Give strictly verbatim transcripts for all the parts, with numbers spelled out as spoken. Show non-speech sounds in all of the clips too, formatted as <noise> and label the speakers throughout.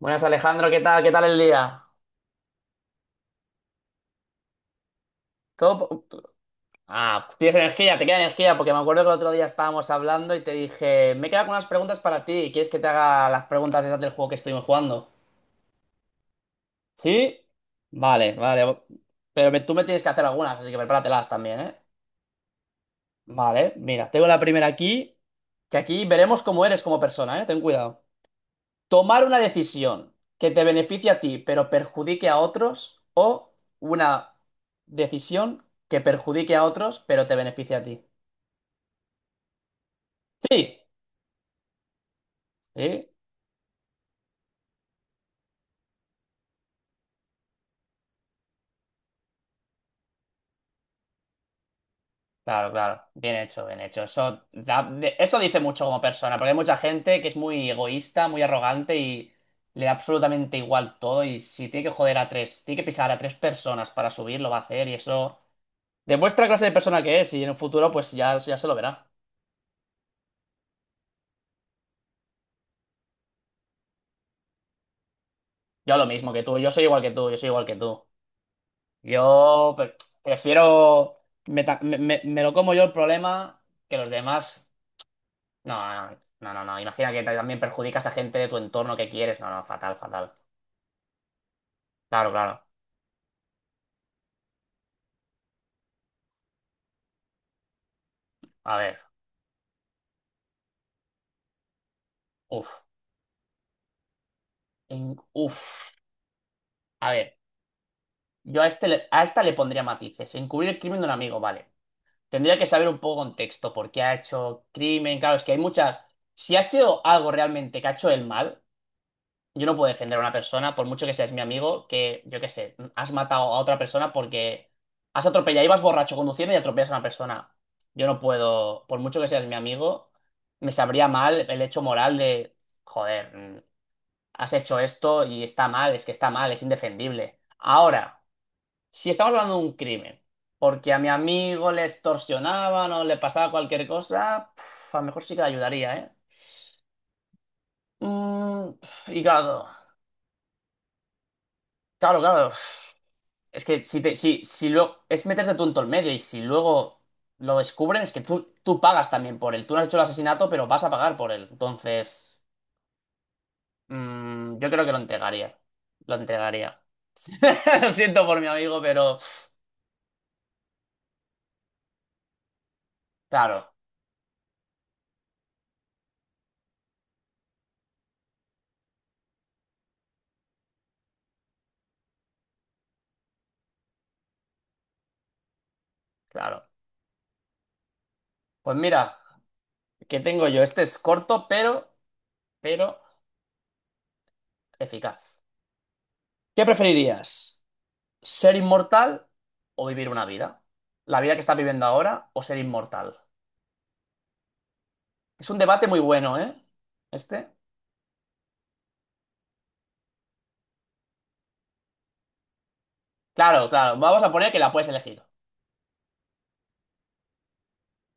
Speaker 1: Buenas Alejandro, ¿qué tal? ¿Qué tal el día? ¿Todo po- Ah, tienes energía, te queda energía, porque me acuerdo que el otro día estábamos hablando y te dije, me he quedado con unas preguntas para ti, ¿quieres que te haga las preguntas esas del juego que estuvimos jugando? ¿Sí? Vale, vale, pero me- tú me tienes que hacer algunas, así que prepáratelas también, ¿eh? Vale, mira, tengo la primera aquí, que aquí veremos cómo eres como persona, ¿eh? Ten cuidado. Tomar una decisión que te beneficie a ti, pero perjudique a otros, o una decisión que perjudique a otros, pero te beneficie a ti. Sí, sí. Claro, claro. Bien hecho, bien hecho. Eso, da- de- eso dice mucho como persona, porque hay mucha gente que es muy egoísta, muy arrogante y le da absolutamente igual todo. Y si tiene que joder a tres, tiene que pisar a tres personas para subir, lo va a hacer. Y eso demuestra la clase de persona que es. Y en un futuro, pues ya, ya se lo verá. Yo lo mismo que tú, yo soy igual que tú, yo soy igual que tú. Yo pre- prefiero. Me, ta- me- me- me lo como yo el problema que los demás. No, no, no, no. No. Imagina que ta- también perjudicas a gente de tu entorno que quieres. No, no, fatal, fatal. Claro, claro. A ver. Uf. En- uf. A ver. Yo a, este le- a esta le pondría matices. Encubrir el crimen de un amigo, vale. Tendría que saber un poco contexto, por qué ha hecho crimen. Claro, es que hay muchas. Si ha sido algo realmente que ha hecho el mal. Yo no puedo defender a una persona, por mucho que seas mi amigo, que, yo qué sé, has matado a otra persona porque has atropellado, ibas borracho conduciendo y atropellas a una persona. Yo no puedo, por mucho que seas mi amigo, me sabría mal el hecho moral de, joder, mm, has hecho esto y está mal, es que está mal, es indefendible. Ahora, si estamos hablando de un crimen, porque a mi amigo le extorsionaban o le pasaba cualquier cosa, pf, a lo mejor sí que le ayudaría, ¿eh? Mm, pf, y claro, claro, claro. Es que si te, si, si lo, es meterte tú en todo el medio y si luego lo descubren, es que tú, tú pagas también por él. Tú no has hecho el asesinato, pero vas a pagar por él. Entonces, mm, yo creo que lo entregaría. Lo entregaría. <laughs> Lo siento por mi amigo, pero claro, claro. Pues mira, ¿qué tengo yo? Este es corto, pero, pero eficaz. ¿Qué preferirías? ¿Ser inmortal o vivir una vida? ¿La vida que estás viviendo ahora o ser inmortal? Es un debate muy bueno, ¿eh? Este. Claro, claro. Vamos a poner que la puedes elegir.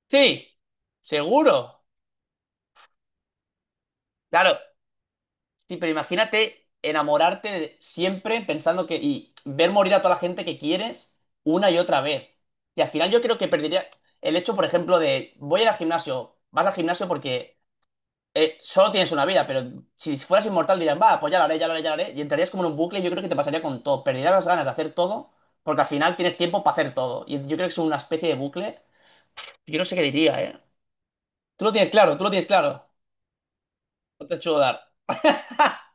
Speaker 1: Sí, seguro. Claro, sí, pero imagínate enamorarte de- siempre pensando que, y ver morir a toda la gente que quieres una y otra vez. Y al final yo creo que perdería el hecho, por ejemplo, de voy a ir al gimnasio, vas al gimnasio porque eh, solo tienes una vida, pero si fueras inmortal dirían, va, pues ya lo haré, ya lo haré, ya lo haré. Y entrarías como en un bucle y yo creo que te pasaría con todo. Perderías las ganas de hacer todo porque al final tienes tiempo para hacer todo. Y yo creo que es una especie de bucle. Yo no sé qué diría, ¿eh? Tú lo tienes claro, tú lo tienes claro. No te hecho dar. <laughs>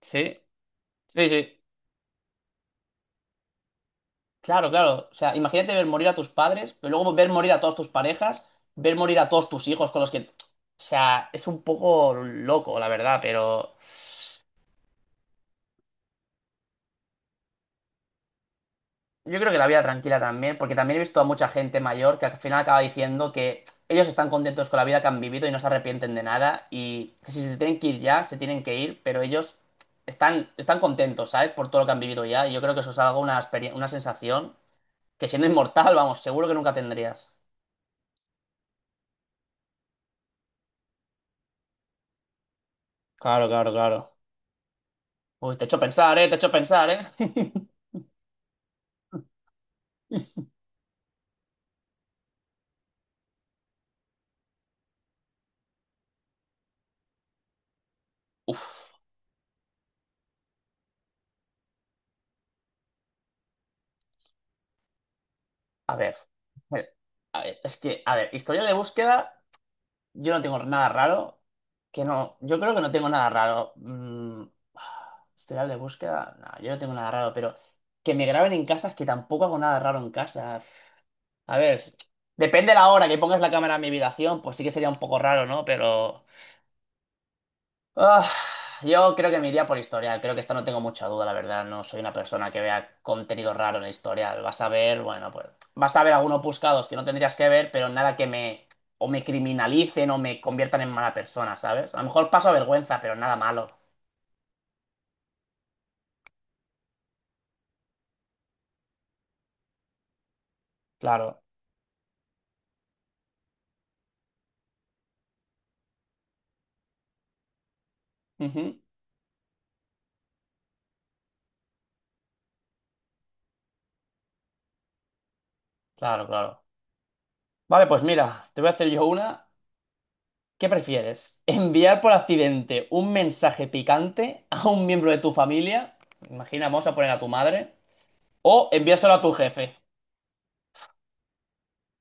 Speaker 1: Sí, sí, sí. Claro, claro. O sea, imagínate ver morir a tus padres, pero luego ver morir a todas tus parejas, ver morir a todos tus hijos con los que, o sea, es un poco loco, la verdad, pero yo creo que la vida tranquila también, porque también he visto a mucha gente mayor que al final acaba diciendo que ellos están contentos con la vida que han vivido y no se arrepienten de nada y que si se tienen que ir ya, se tienen que ir, pero ellos están, están contentos, ¿sabes? Por todo lo que han vivido ya y yo creo que eso es algo, una, experien- una sensación que siendo inmortal, vamos, seguro que nunca tendrías. Claro, claro, claro. Uy, te he hecho pensar, ¿eh? Te he hecho pensar, ¿eh? <laughs> Uf, a ver. Eh, A ver, es que, a ver, historia de búsqueda, yo no tengo nada raro. Que no, yo creo que no tengo nada raro. Mm, ah, historial de búsqueda, no, yo no tengo nada raro, pero que me graben en casa es que tampoco hago nada raro en casa. A ver, depende de la hora que pongas la cámara en mi habitación, pues sí que sería un poco raro, ¿no? Pero. Ah, yo creo que me iría por historial. Creo que esta no tengo mucha duda, la verdad. No soy una persona que vea contenido raro en el historial. Vas a ver, bueno, pues vas a ver algunos buscados que no tendrías que ver, pero nada que me o me criminalicen o me conviertan en mala persona, ¿sabes? A lo mejor paso vergüenza, pero nada malo. Claro. Ujú. Claro, claro. Vale, pues mira, te voy a hacer yo una. ¿Qué prefieres? ¿Enviar por accidente un mensaje picante a un miembro de tu familia? Imagina, vamos a poner a tu madre. ¿O enviárselo a tu jefe?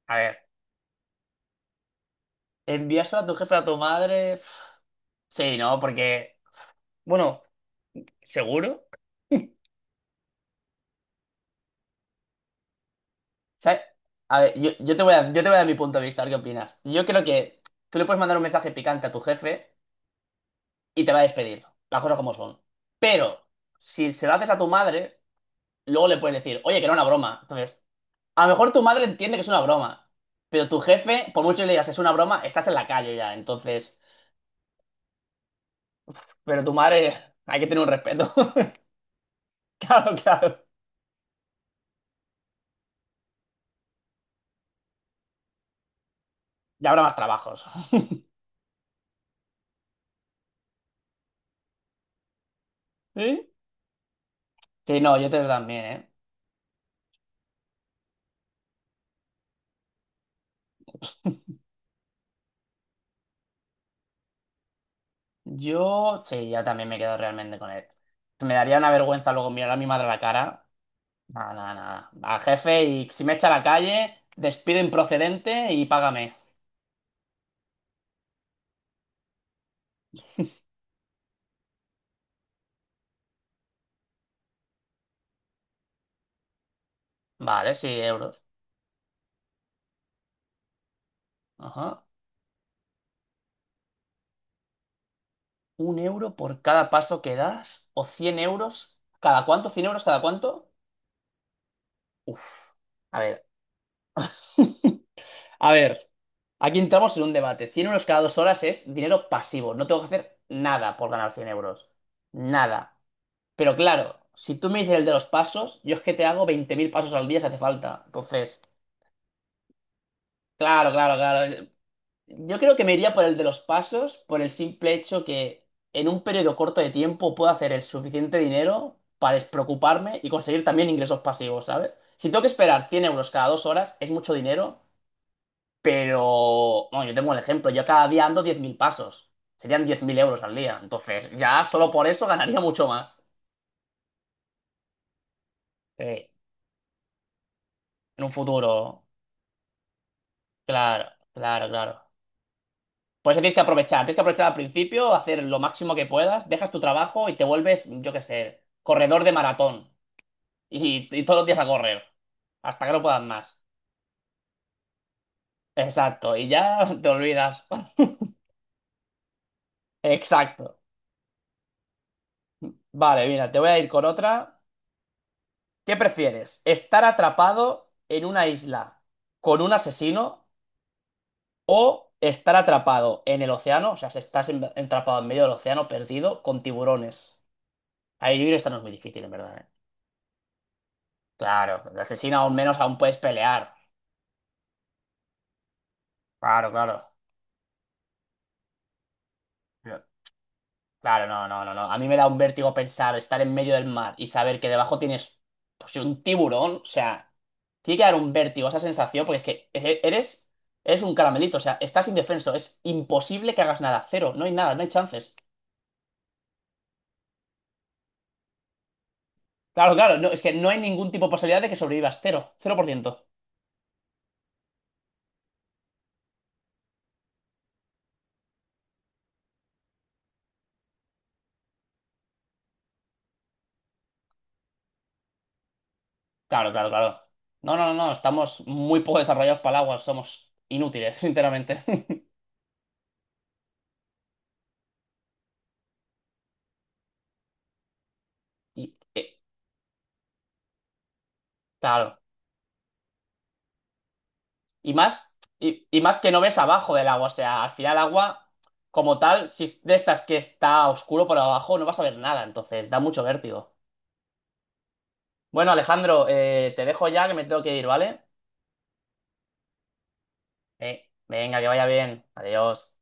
Speaker 1: A ver. Enviárselo a tu jefe, a tu madre. Sí, no, porque. Bueno, seguro. ¿Sabes? A ver, yo, yo te voy a, yo te voy a dar mi punto de vista, a ver qué opinas. Yo creo que tú le puedes mandar un mensaje picante a tu jefe y te va a despedir. Las cosas como son. Pero, si se lo haces a tu madre, luego le puedes decir, oye, que era una broma. Entonces, a lo mejor tu madre entiende que es una broma. Pero tu jefe, por mucho que le digas es una broma, estás en la calle ya. Entonces, pero tu madre, hay que tener un respeto. <laughs> Claro, claro. Ya habrá más trabajos. <laughs> ¿Sí? Sí, no, yo te- también, ¿eh? Yo sí, ya también me quedo realmente con él. Me daría una vergüenza luego mirar a mi madre a la cara. Nada, nada, nada. A jefe y si me echa a la calle, despido improcedente y págame. Vale, sí, euros. Ajá. ¿Un euro por cada paso que das? ¿O cien euros? ¿Cada cuánto? Cien euros, ¿cada cuánto? Uf. A ver. A ver. Aquí entramos en un debate. Cien euros cada dos horas es dinero pasivo. No tengo que hacer nada por ganar cien euros. Nada. Pero claro, si tú me dices el de los pasos, yo es que te hago veinte mil pasos al día si hace falta. Entonces, claro, claro, claro. Yo creo que me iría por el de los pasos por el simple hecho que en un periodo corto de tiempo puedo hacer el suficiente dinero para despreocuparme y conseguir también ingresos pasivos, ¿sabes? Si tengo que esperar cien euros cada dos horas, es mucho dinero, pero. Bueno, yo tengo el ejemplo, yo cada día ando diez mil pasos. Serían diez mil euros al día. Entonces, ya solo por eso ganaría mucho más. eh, en un futuro. Claro, claro, claro. Por eso tienes que aprovechar. Tienes que aprovechar al principio, hacer lo máximo que puedas, dejas tu trabajo y te vuelves, yo qué sé, corredor de maratón. Y, y todos los días a correr. Hasta que no puedas más. Exacto. Y ya <laughs> te olvidas. Exacto. Vale, mira, te voy a ir con otra. ¿Qué prefieres? ¿Estar atrapado en una isla con un asesino o estar atrapado en el océano? O sea, si estás en- atrapado en medio del océano perdido con tiburones. Ahí yo creo que esta no es muy difícil, en verdad, ¿eh? Claro, el asesino aún menos aún puedes pelear. Claro, claro. Yo- Claro, no, no, no, no. A mí me da un vértigo pensar estar en medio del mar y saber que debajo tienes pues, un tiburón. O sea, tiene que dar un vértigo esa sensación porque es que e- eres, eres un caramelito. O sea, estás indefenso. Es imposible que hagas nada. Cero. No hay nada, no hay chances. Claro, claro. No, es que no hay ningún tipo de posibilidad de que sobrevivas. Cero. Cero por ciento. Claro, claro, claro. No, no, no, no. Estamos muy poco desarrollados para el agua. Somos inútiles, <laughs> sinceramente. <laughs> Y, eh, claro. Y más, y, y más que no ves abajo del agua. O sea, al final el agua, como tal, si es de estas que está oscuro por abajo, no vas a ver nada. Entonces, da mucho vértigo. Bueno, Alejandro, eh, te dejo ya que me tengo que ir, ¿vale? Eh, venga, que vaya bien. Adiós.